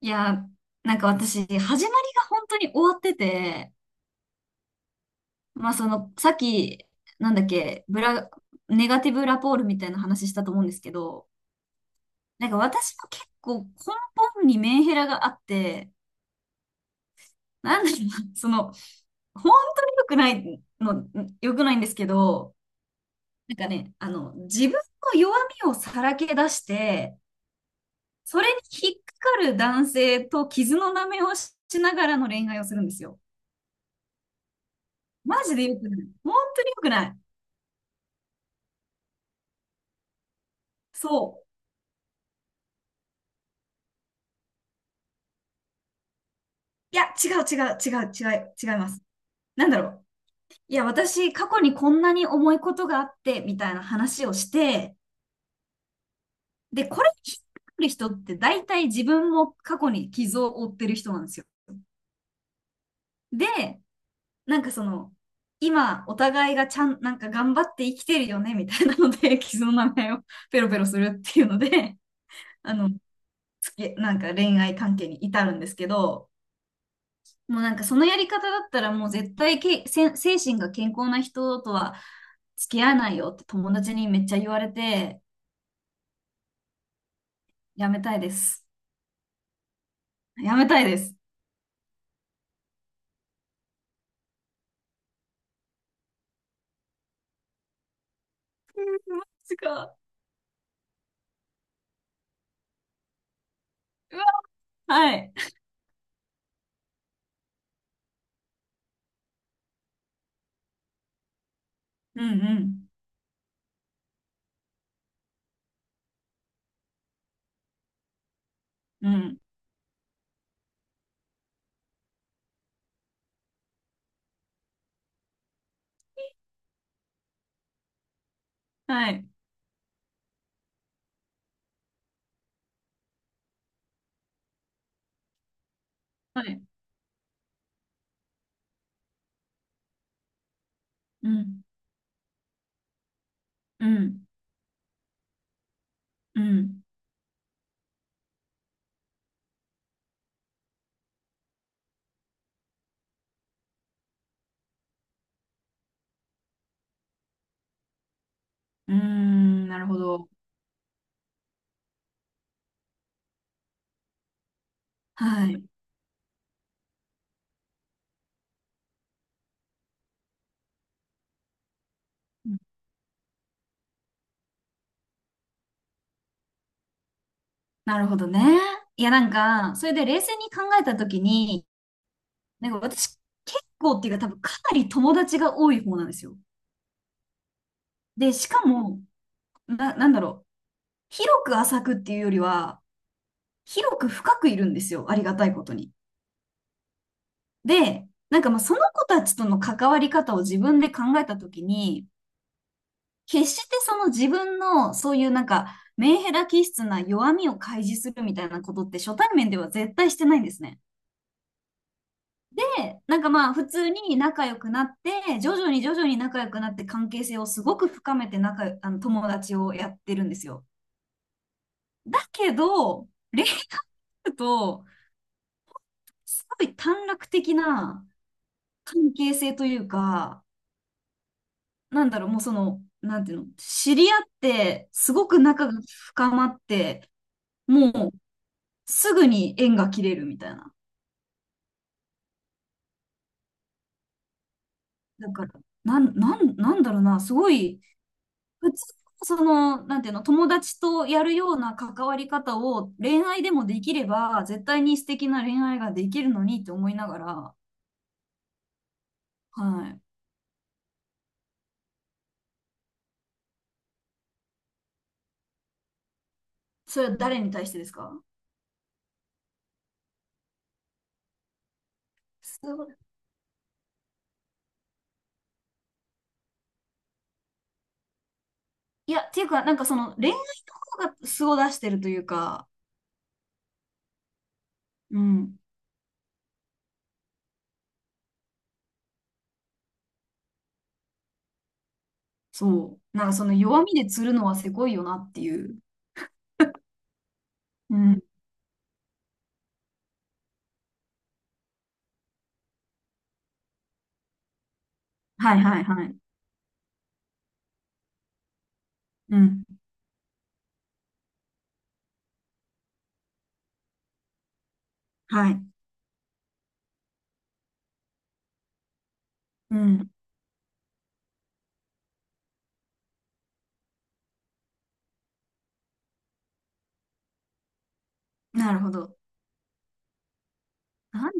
いや、なんか私、始まりが本当に終わってて、まあその、さっき、なんだっけ、ネガティブラポールみたいな話したと思うんですけど、なんか私も結構根本にメンヘラがあって、なんだろうな、その、本当に良くないの、良くないんですけど、なんかね、あの、自分の弱みをさらけ出して、それに引っかかる男性と傷の舐めをしながらの恋愛をするんですよ。マジで良くない。本当に良くない。そう。いや、違う違う違う違う違います。なんだろう。いや、私、過去にこんなに重いことがあって、みたいな話をして、で、これ聞くる人って大体自分も過去に傷を負ってる人なんですよ。で、なんかその、今、お互いがちゃん、なんか頑張って生きてるよね、みたいなので、傷の名前を ペロペロするっていうので、あの、なんか恋愛関係に至るんですけど、もうなんかそのやり方だったらもう絶対精神が健康な人とは付き合わないよって友達にめっちゃ言われて、やめたいです。やめたいです。すごい。うわ、はい。うんうん。うん。はい。はい。うん。うん。うん。うーん。なるほど。はい。うん。なるほどね。いや、なんか、それで冷静に考えたときに、なんか私、結構っていうか多分かなり友達が多い方なんですよ。で、しかも、なんだろう。広く浅くっていうよりは、広く深くいるんですよ。ありがたいことに。で、なんかまあその子たちとの関わり方を自分で考えたときに、決してその自分のそういうなんかメンヘラ気質な弱みを開示するみたいなことって初対面では絶対してないんですね。で、なんかまあ普通に仲良くなって、徐々に徐々に仲良くなって関係性をすごく深めてあの友達をやってるんですよ。だけど、恋愛と、すごい短絡的な関係性というか、なんだろう、もうその、なんていうの、知り合って、すごく仲が深まって、もうすぐに縁が切れるみたいな。だから、なんだろうな、すごい、普通のその、なんていうの、友達とやるような関わり方を恋愛でもできれば、絶対に素敵な恋愛ができるのにって思いながら、はい。それは誰に対してですか？すいや、っていうか、なんかその恋愛とかが素を出してるというか、うん、そう。なんかその弱みで釣るのはせこいよなっていう。うん。はいはいはい。うん。はい。うん。なるほど。なん、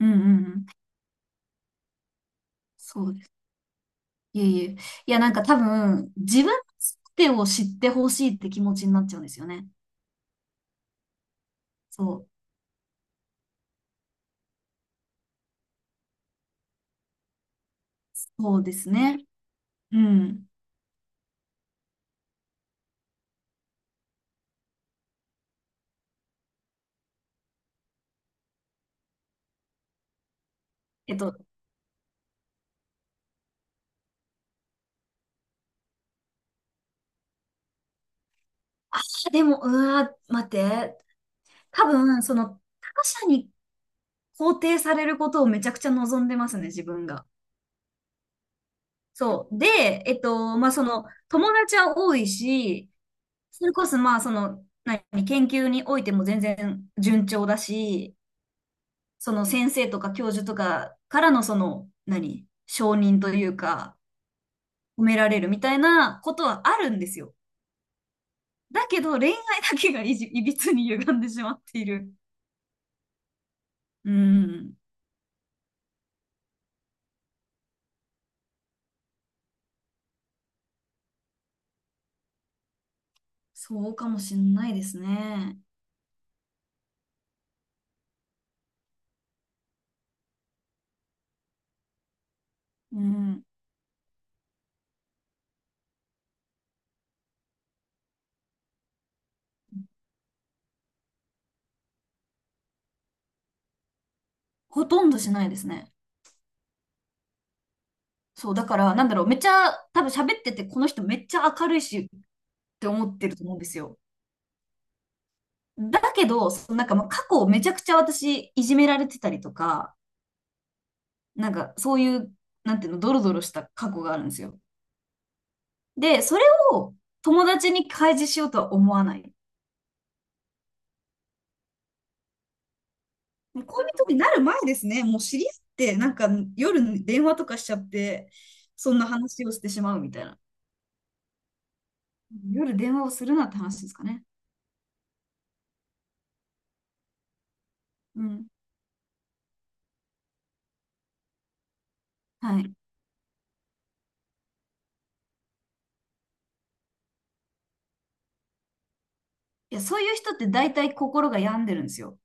うんうんうん。そうです。いえいえ。いや、なんか多分、自分の全てを知ってほしいって気持ちになっちゃうんですよね。そう。そうですね。うん。えっと、あー、でも、うわー、待って。多分、その、他者に肯定されることをめちゃくちゃ望んでますね、自分が。そう。で、まあ、その、友達は多いし、それこそ、まあ、その、何、研究においても全然順調だし、その先生とか教授とかからのその、何、承認というか、褒められるみたいなことはあるんですよ。だけど、恋愛だけがいびつに歪んでしまっている。うん。そうかもしんないですね。うん。ほとんどしないですね。そう、だから、なんだろう、めっちゃ、多分喋ってて、この人めっちゃ明るいしって思ってると思うんですよ。だけど、そのなんか、まあ、過去めちゃくちゃ私、いじめられてたりとか、なんか、そういう、なんていうの、ドロドロした過去があるんですよ。で、それを友達に開示しようとは思わない。もう恋人になる前ですね、もう知り合って、なんか夜電話とかしちゃって、そんな話をしてしまうみたいな。夜電話をするなって話ですかね。うん。はい。いや、そういう人って大体心が病んでるんですよ。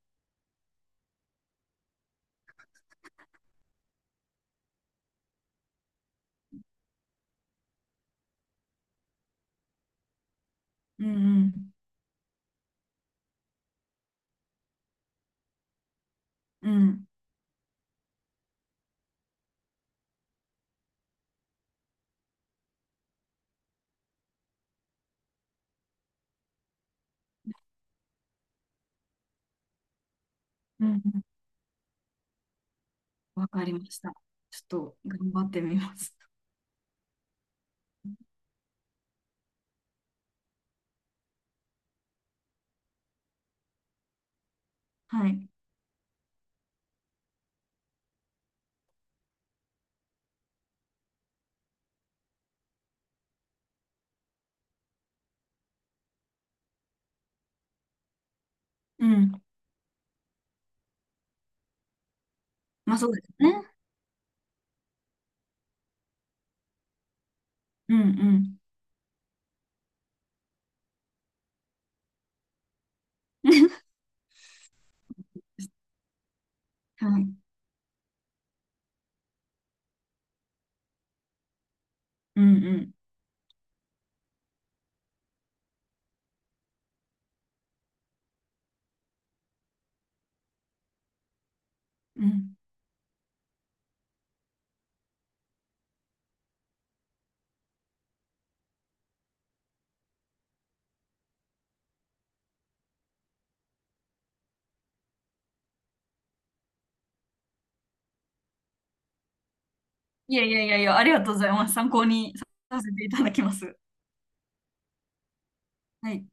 うんうん。うん。うんうん。わかりました。ちょっと頑張ってみます。はい。うん。まあそうですね。うんうん。はい。うんうん。うん。いやいやいやいや、ありがとうございます。参考にさせていただきます。はい。